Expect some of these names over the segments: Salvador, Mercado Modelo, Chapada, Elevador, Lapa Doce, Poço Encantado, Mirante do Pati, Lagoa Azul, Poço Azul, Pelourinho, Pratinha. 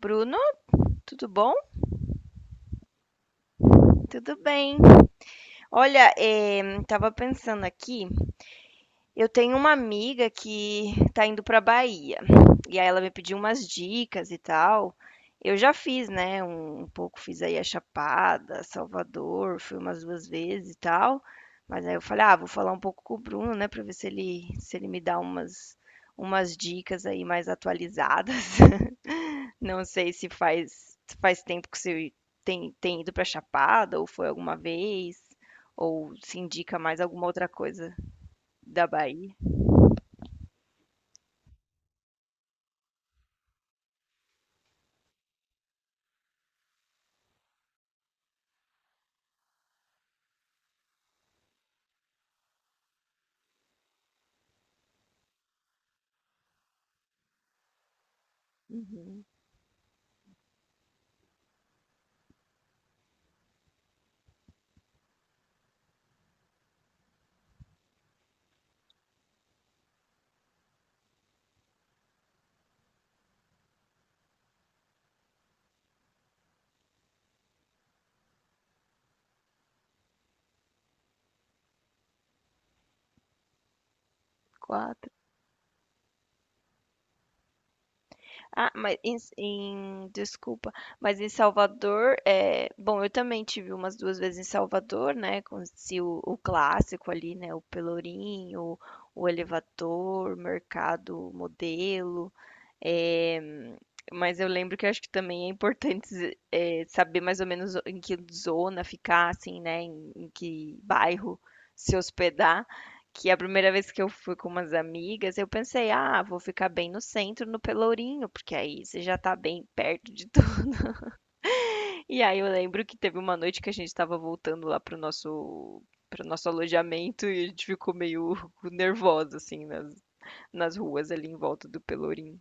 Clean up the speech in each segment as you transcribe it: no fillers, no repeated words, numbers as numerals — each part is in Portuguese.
Bruno, tudo bom? Tudo bem. Olha, tava pensando aqui, eu tenho uma amiga que tá indo pra Bahia. E aí ela me pediu umas dicas e tal. Eu já fiz, né? Um pouco fiz aí a Chapada, Salvador, fui umas duas vezes e tal. Mas aí eu falei, ah, vou falar um pouco com o Bruno, né? Pra ver se ele me dá umas dicas aí mais atualizadas. Não sei se faz tempo que você tem ido para Chapada ou foi alguma vez, ou se indica mais alguma outra coisa da Bahia. Uhum. quatro. Ah, mas em desculpa, mas em Salvador, é bom, eu também tive umas 2 vezes em Salvador, né, conheci o clássico ali, né, o Pelourinho, o Elevador, Mercado Modelo. É, mas eu lembro que eu acho que também é importante, saber mais ou menos em que zona ficar, assim, né? Em que bairro se hospedar. Que a primeira vez que eu fui com umas amigas, eu pensei, ah, vou ficar bem no centro, no Pelourinho, porque aí você já tá bem perto de tudo. E aí eu lembro que teve uma noite que a gente tava voltando lá pro nosso para o nosso alojamento e a gente ficou meio nervosa, assim, nas ruas ali em volta do Pelourinho.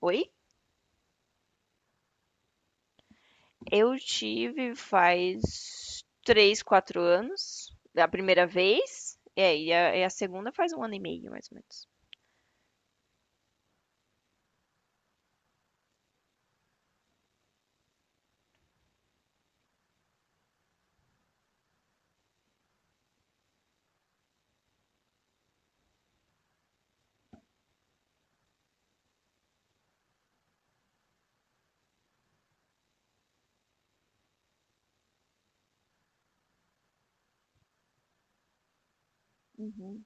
Oi? Eu tive faz três, quatro anos, da primeira vez. É, e a segunda faz um ano e meio, mais ou menos. Uhum.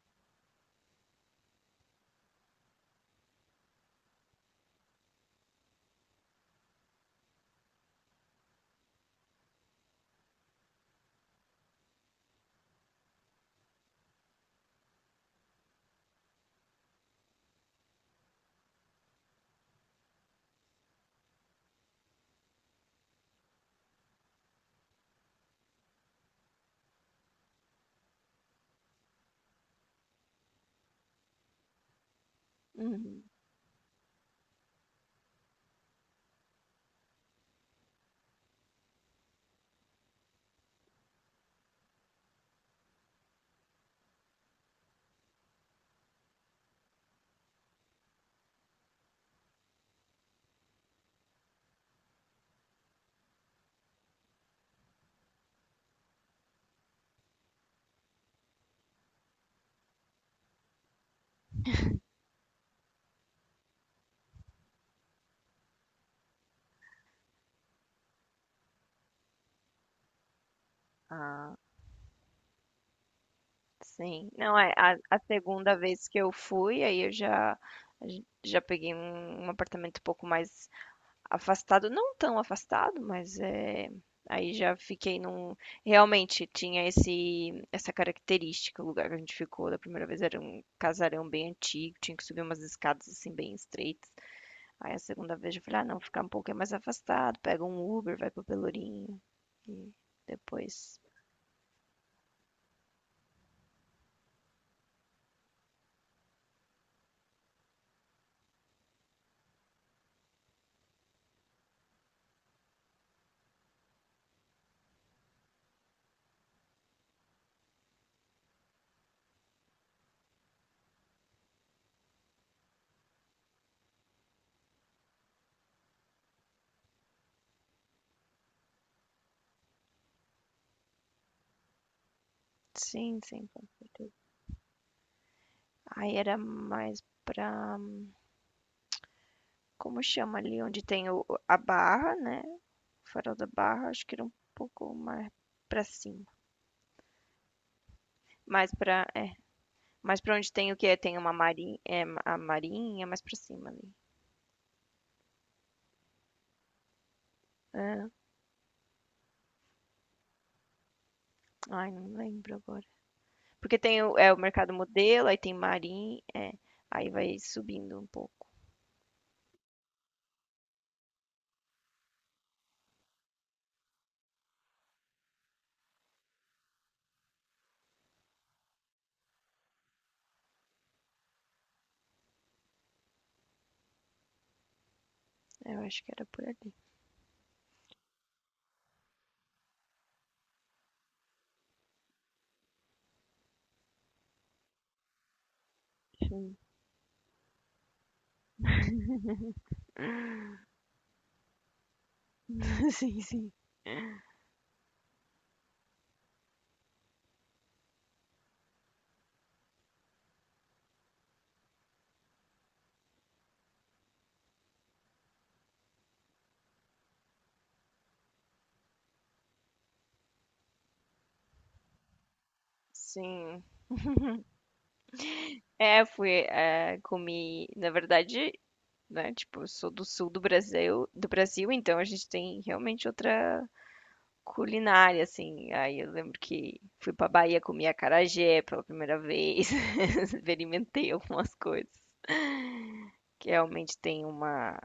Uhum. Ah, sim. Não, a segunda vez que eu fui, aí eu já peguei um apartamento um pouco mais afastado, não tão afastado, mas aí já fiquei num. Realmente tinha essa característica. O lugar que a gente ficou da primeira vez era um casarão bem antigo, tinha que subir umas escadas assim bem estreitas. Aí a segunda vez eu falei, ah, não, ficar um pouquinho mais afastado, pega um Uber, vai pro Pelourinho. E depois. Sim, sim, com certeza. Aí era mais pra. Como chama ali? Onde tem a barra, né? O farol da barra, acho que era um pouco mais pra cima. Mais pra, é, mais pra onde tem o quê? Tem a marinha, mais pra cima ali. Ah, ai, não lembro agora. Porque tem o mercado modelo, aí tem marinha, aí vai subindo um pouco. Eu acho que era por ali. Sim. Sim, sim. Sim. É, eu fui, comi, na verdade, né, tipo, eu sou do sul do Brasil, então a gente tem realmente outra culinária, assim. Aí eu lembro que fui pra Bahia comer acarajé pela primeira vez, experimentei algumas coisas que realmente tem uma,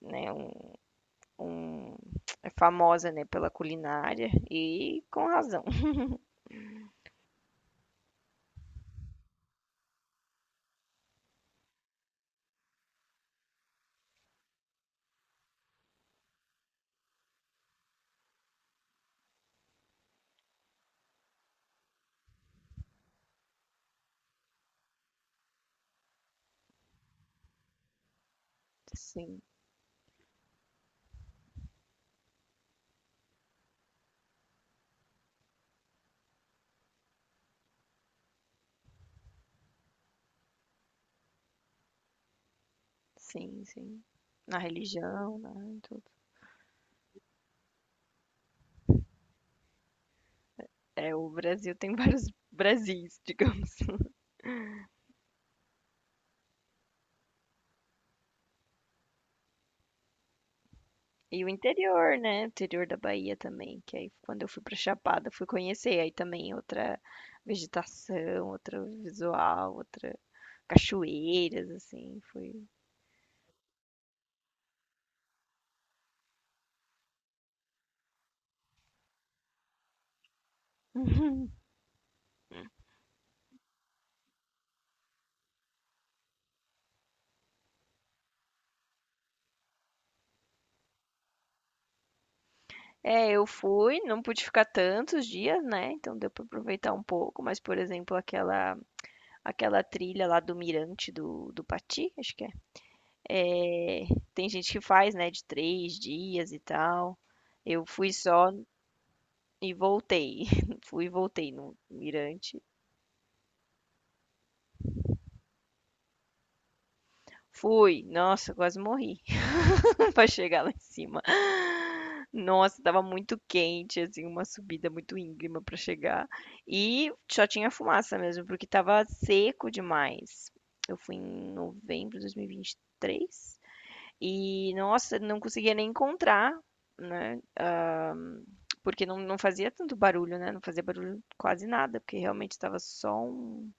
né, um- é famosa, né, pela culinária e com razão. Sim, sim, sim. Na religião, né, em tudo. É, o Brasil tem vários Brasis, digamos. E o interior, né? O interior da Bahia também, que aí quando eu fui pra Chapada, fui conhecer aí também outra vegetação, outro visual, outra cachoeiras assim, foi. É, eu fui, não pude ficar tantos dias, né? Então deu pra aproveitar um pouco, mas por exemplo, aquela trilha lá do Mirante do Pati, acho que é. É, tem gente que faz, né, de três dias e tal. Eu fui só e voltei. Fui e voltei no Mirante. Fui. Nossa, eu quase morri para chegar lá em cima. Nossa, estava muito quente, assim, uma subida muito íngreme para chegar. E só tinha fumaça mesmo, porque tava seco demais. Eu fui em novembro de 2023 e, vinte e três e, nossa, não conseguia nem encontrar, né? Porque não fazia tanto barulho, né? Não fazia barulho quase nada, porque realmente tava só um,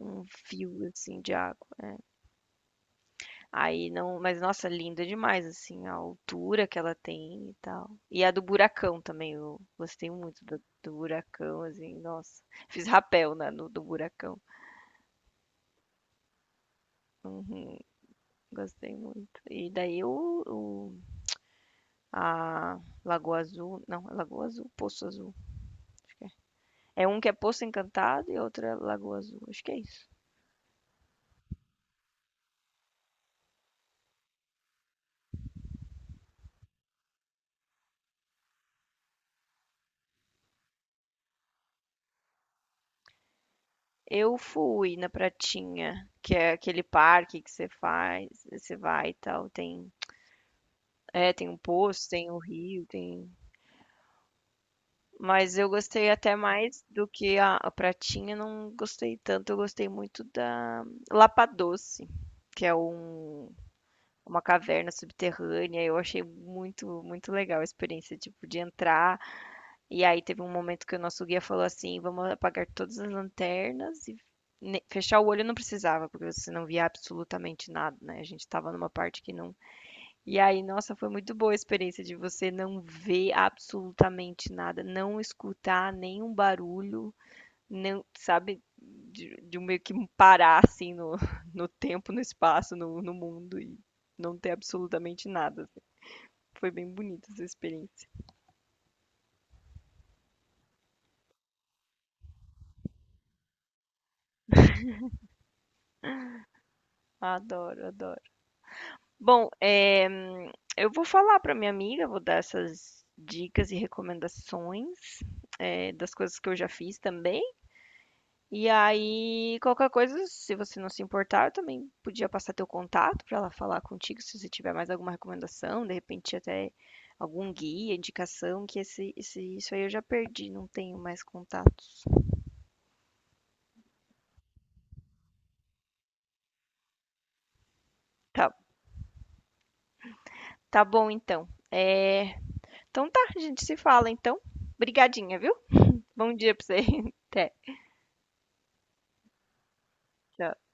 um fio, assim, de água. Aí não, mas nossa, linda demais assim a altura que ela tem e tal. E a do buracão também, eu gostei muito do buracão, assim, nossa. Fiz rapel no do buracão. Gostei muito. E daí o- a Lagoa Azul, não, é Lagoa Azul, Poço Azul. É um que é Poço Encantado e outro é Lagoa Azul. Acho que é isso. Eu fui na Pratinha, que é aquele parque que você faz, você vai e tal, tem um poço, tem o rio, tem Mas eu gostei até mais do que a pratinha, não gostei tanto. Eu gostei muito da Lapa Doce, que é uma caverna subterrânea. Eu achei muito, muito legal a experiência, tipo, de entrar. E aí teve um momento que o nosso guia falou assim: vamos apagar todas as lanternas e fechar o olho não precisava, porque você não via absolutamente nada, né? A gente estava numa parte que não e aí, nossa, foi muito boa a experiência de você não ver absolutamente nada, não escutar nenhum barulho, não, sabe, de um meio que um parar assim no, no tempo, no espaço, no mundo e não ter absolutamente nada. Foi bem bonita essa experiência. Adoro, adoro. Bom, eu vou falar para minha amiga, vou dar essas dicas e recomendações, das coisas que eu já fiz também. E aí, qualquer coisa, se você não se importar, eu também podia passar teu contato para ela falar contigo, se você tiver mais alguma recomendação, de repente até algum guia, indicação, que isso aí eu já perdi, não tenho mais contatos. Tá, tá bom então. É, então tá, a gente se fala então. Obrigadinha, viu? Bom dia pra você. Até. Tchau.